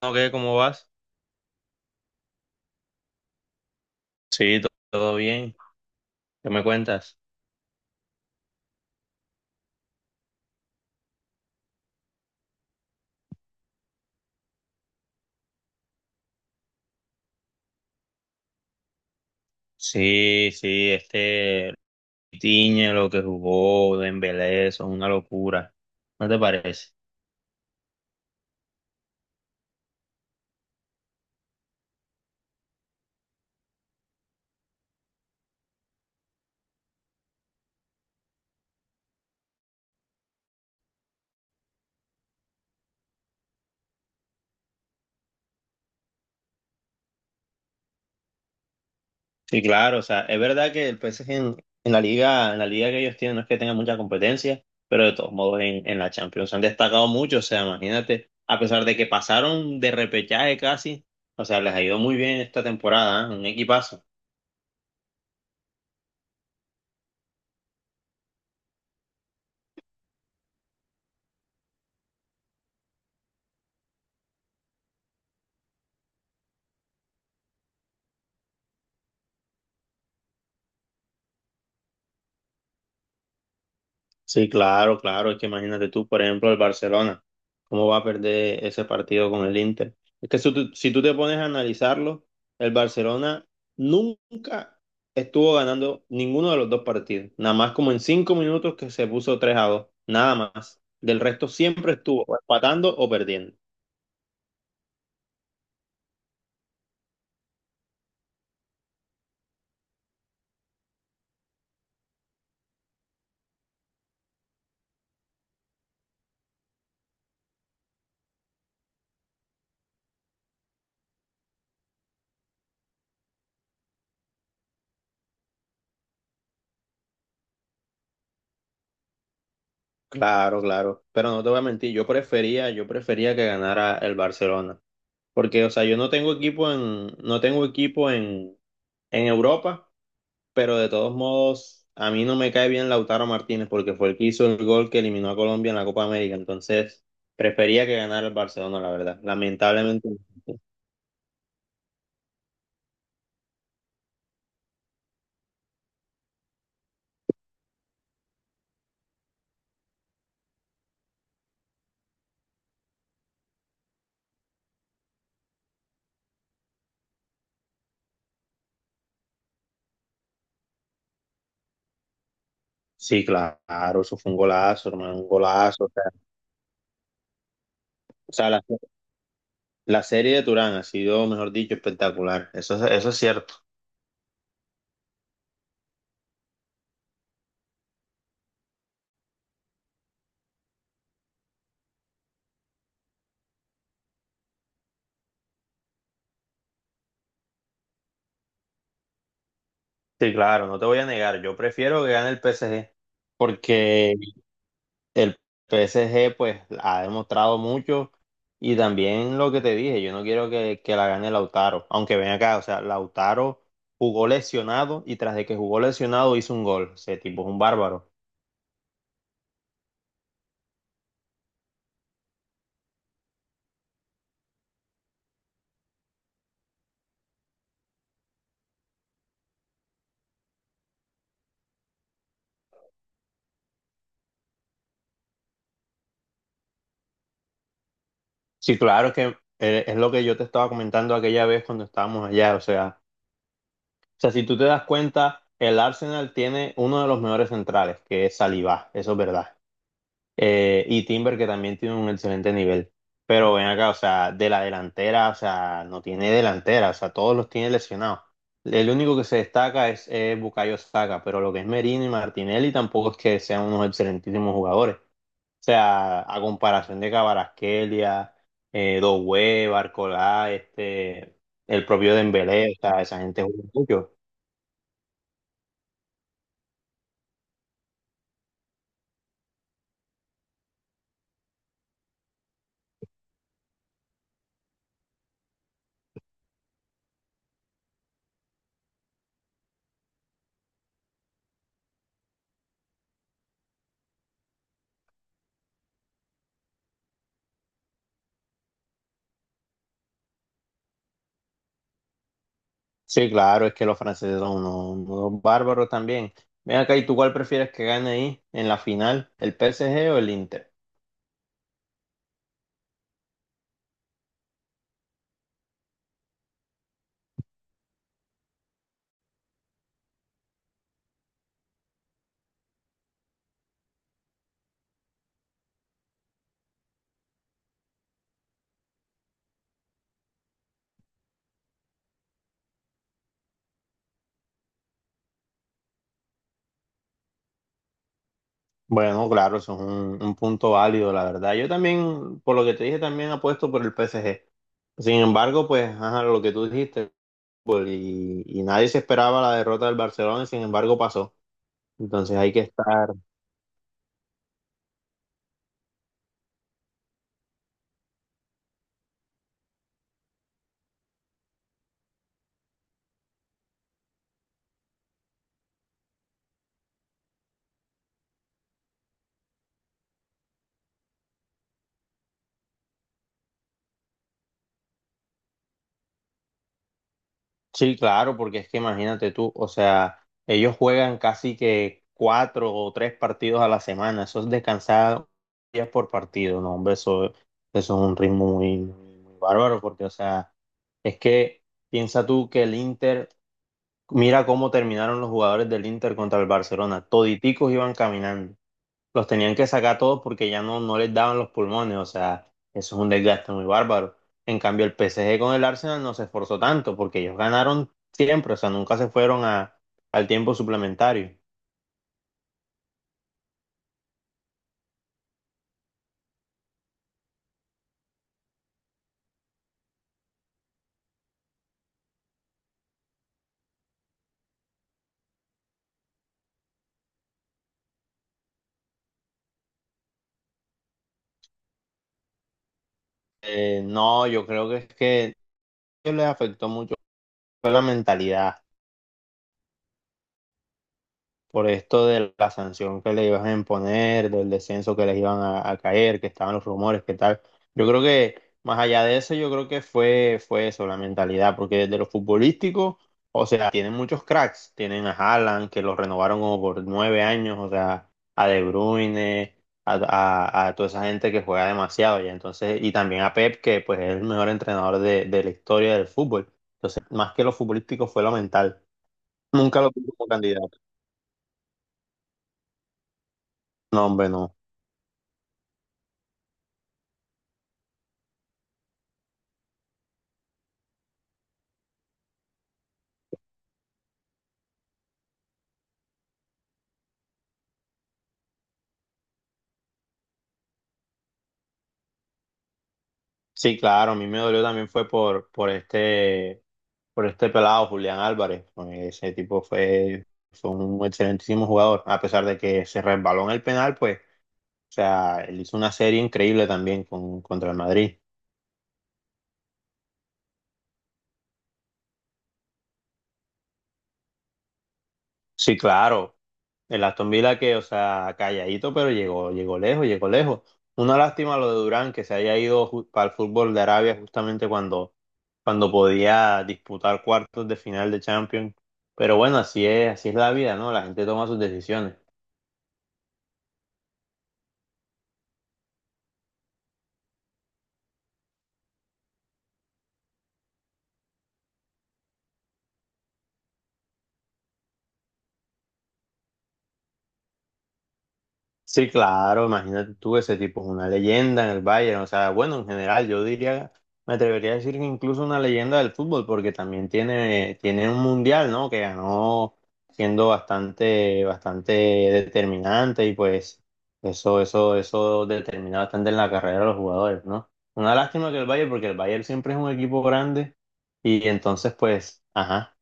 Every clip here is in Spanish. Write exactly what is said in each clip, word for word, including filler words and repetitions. ¿O qué? ¿Cómo vas? Sí, to- todo bien. ¿Qué me cuentas? Sí, sí, este Tiñe, lo que jugó Dembélé, eso es una locura. ¿No te parece? Sí, claro, o sea, es verdad que el P S G en, en la liga, en la liga que ellos tienen no es que tengan mucha competencia, pero de todos modos en, en la Champions han destacado mucho, o sea, imagínate, a pesar de que pasaron de repechaje casi, o sea, les ha ido muy bien esta temporada, ¿eh? Un equipazo. Sí, claro, claro. Es que imagínate tú, por ejemplo, el Barcelona, cómo va a perder ese partido con el Inter. Es que si tú, si tú te pones a analizarlo, el Barcelona nunca estuvo ganando ninguno de los dos partidos. Nada más como en cinco minutos que se puso tres a dos. Nada más. Del resto siempre estuvo o empatando o perdiendo. Claro, claro. Pero no te voy a mentir, yo prefería, yo prefería que ganara el Barcelona. Porque, o sea, yo no tengo equipo en, no tengo equipo en, en Europa. Pero de todos modos, a mí no me cae bien Lautaro Martínez porque fue el que hizo el gol que eliminó a Colombia en la Copa América. Entonces, prefería que ganara el Barcelona, la verdad. Lamentablemente. Sí, claro, eso fue un golazo, hermano, un golazo. O sea, o sea, la, la serie de Turán ha sido, mejor dicho, espectacular. Eso, es- eso es cierto. Sí, claro, no te voy a negar. Yo prefiero que gane el P S G porque el P S G pues ha demostrado mucho y también lo que te dije, yo no quiero que, que la gane Lautaro, aunque ven acá, o sea, Lautaro jugó lesionado y tras de que jugó lesionado hizo un gol, ese tipo es un bárbaro. Sí, claro que eh, es lo que yo te estaba comentando aquella vez cuando estábamos allá, o sea, o sea, si tú te das cuenta, el Arsenal tiene uno de los mejores centrales, que es Saliba, eso es verdad. Eh, y Timber, que también tiene un excelente nivel. Pero ven acá, o sea, de la delantera, o sea, no tiene delantera, o sea, todos los tiene lesionados. El único que se destaca es, eh, Bukayo Saka, pero lo que es Merino y Martinelli tampoco es que sean unos excelentísimos jugadores. O sea, a comparación de Kvaratskhelia, eh, Doué, Barcola, este, el propio Dembélé, o sea, esa gente juega mucho. Sí, claro, es que los franceses son unos, unos bárbaros también. Ven acá, ¿y tú cuál prefieres que gane ahí en la final, el P S G o el Inter? Bueno, claro, eso es un, un punto válido, la verdad. Yo también, por lo que te dije, también apuesto por el P S G. Sin embargo, pues, ajá, lo que tú dijiste, pues, y, y nadie se esperaba la derrota del Barcelona, y sin embargo pasó. Entonces hay que estar. Sí, claro, porque es que imagínate tú, o sea, ellos juegan casi que cuatro o tres partidos a la semana, eso es descansar días por partido, no, hombre, eso, eso es un ritmo muy, muy, muy bárbaro, porque, o sea, es que piensa tú que el Inter, mira cómo terminaron los jugadores del Inter contra el Barcelona, toditicos iban caminando, los tenían que sacar todos porque ya no, no les daban los pulmones, o sea, eso es un desgaste muy bárbaro. En cambio, el P S G con el Arsenal no se esforzó tanto porque ellos ganaron siempre, o sea, nunca se fueron a, al tiempo suplementario. Eh, no, yo creo que es que a ellos les afectó mucho fue la mentalidad. Por esto de la sanción que le iban a imponer, del descenso que les iban a, a caer, que estaban los rumores, que tal. Yo creo que más allá de eso, yo creo que fue, fue eso, la mentalidad, porque desde lo futbolístico, o sea, tienen muchos cracks, tienen a Haaland, que lo renovaron como por nueve años, o sea, a De Bruyne, a, a, a toda esa gente que juega demasiado, ya entonces, y también a Pep, que pues es el mejor entrenador de, de la historia del fútbol. Entonces, más que lo futbolístico fue lo mental. Nunca lo tuve como candidato. No, hombre, no. Sí, claro, a mí me dolió también fue por, por este, por este pelado Julián Álvarez. Pues, ese tipo fue, fue un excelentísimo jugador, a pesar de que se resbaló en el penal, pues, o sea, él hizo una serie increíble también con, contra el Madrid. Sí, claro, el Aston Villa que, o sea, calladito, pero llegó, llegó lejos, llegó lejos. Una lástima lo de Durán, que se haya ido ju- para el fútbol de Arabia justamente cuando, cuando podía disputar cuartos de final de Champions. Pero bueno, así es, así es la vida, ¿no? La gente toma sus decisiones. Sí, claro, imagínate tú, ese tipo es una leyenda en el Bayern, o sea, bueno, en general yo diría, me atrevería a decir que incluso una leyenda del fútbol, porque también tiene, tiene un mundial, ¿no? Que ganó siendo bastante, bastante determinante y pues eso, eso, eso determina bastante en la carrera de los jugadores, ¿no? Una lástima que el Bayern, porque el Bayern siempre es un equipo grande y entonces pues, ajá.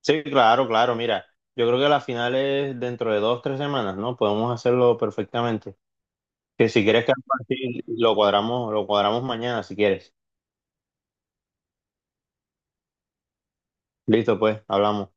Sí, claro, claro, mira, yo creo que la final es dentro de dos, tres semanas, ¿no? Podemos hacerlo perfectamente. Que si quieres que lo cuadramos, lo cuadramos mañana si quieres. Listo, pues, hablamos.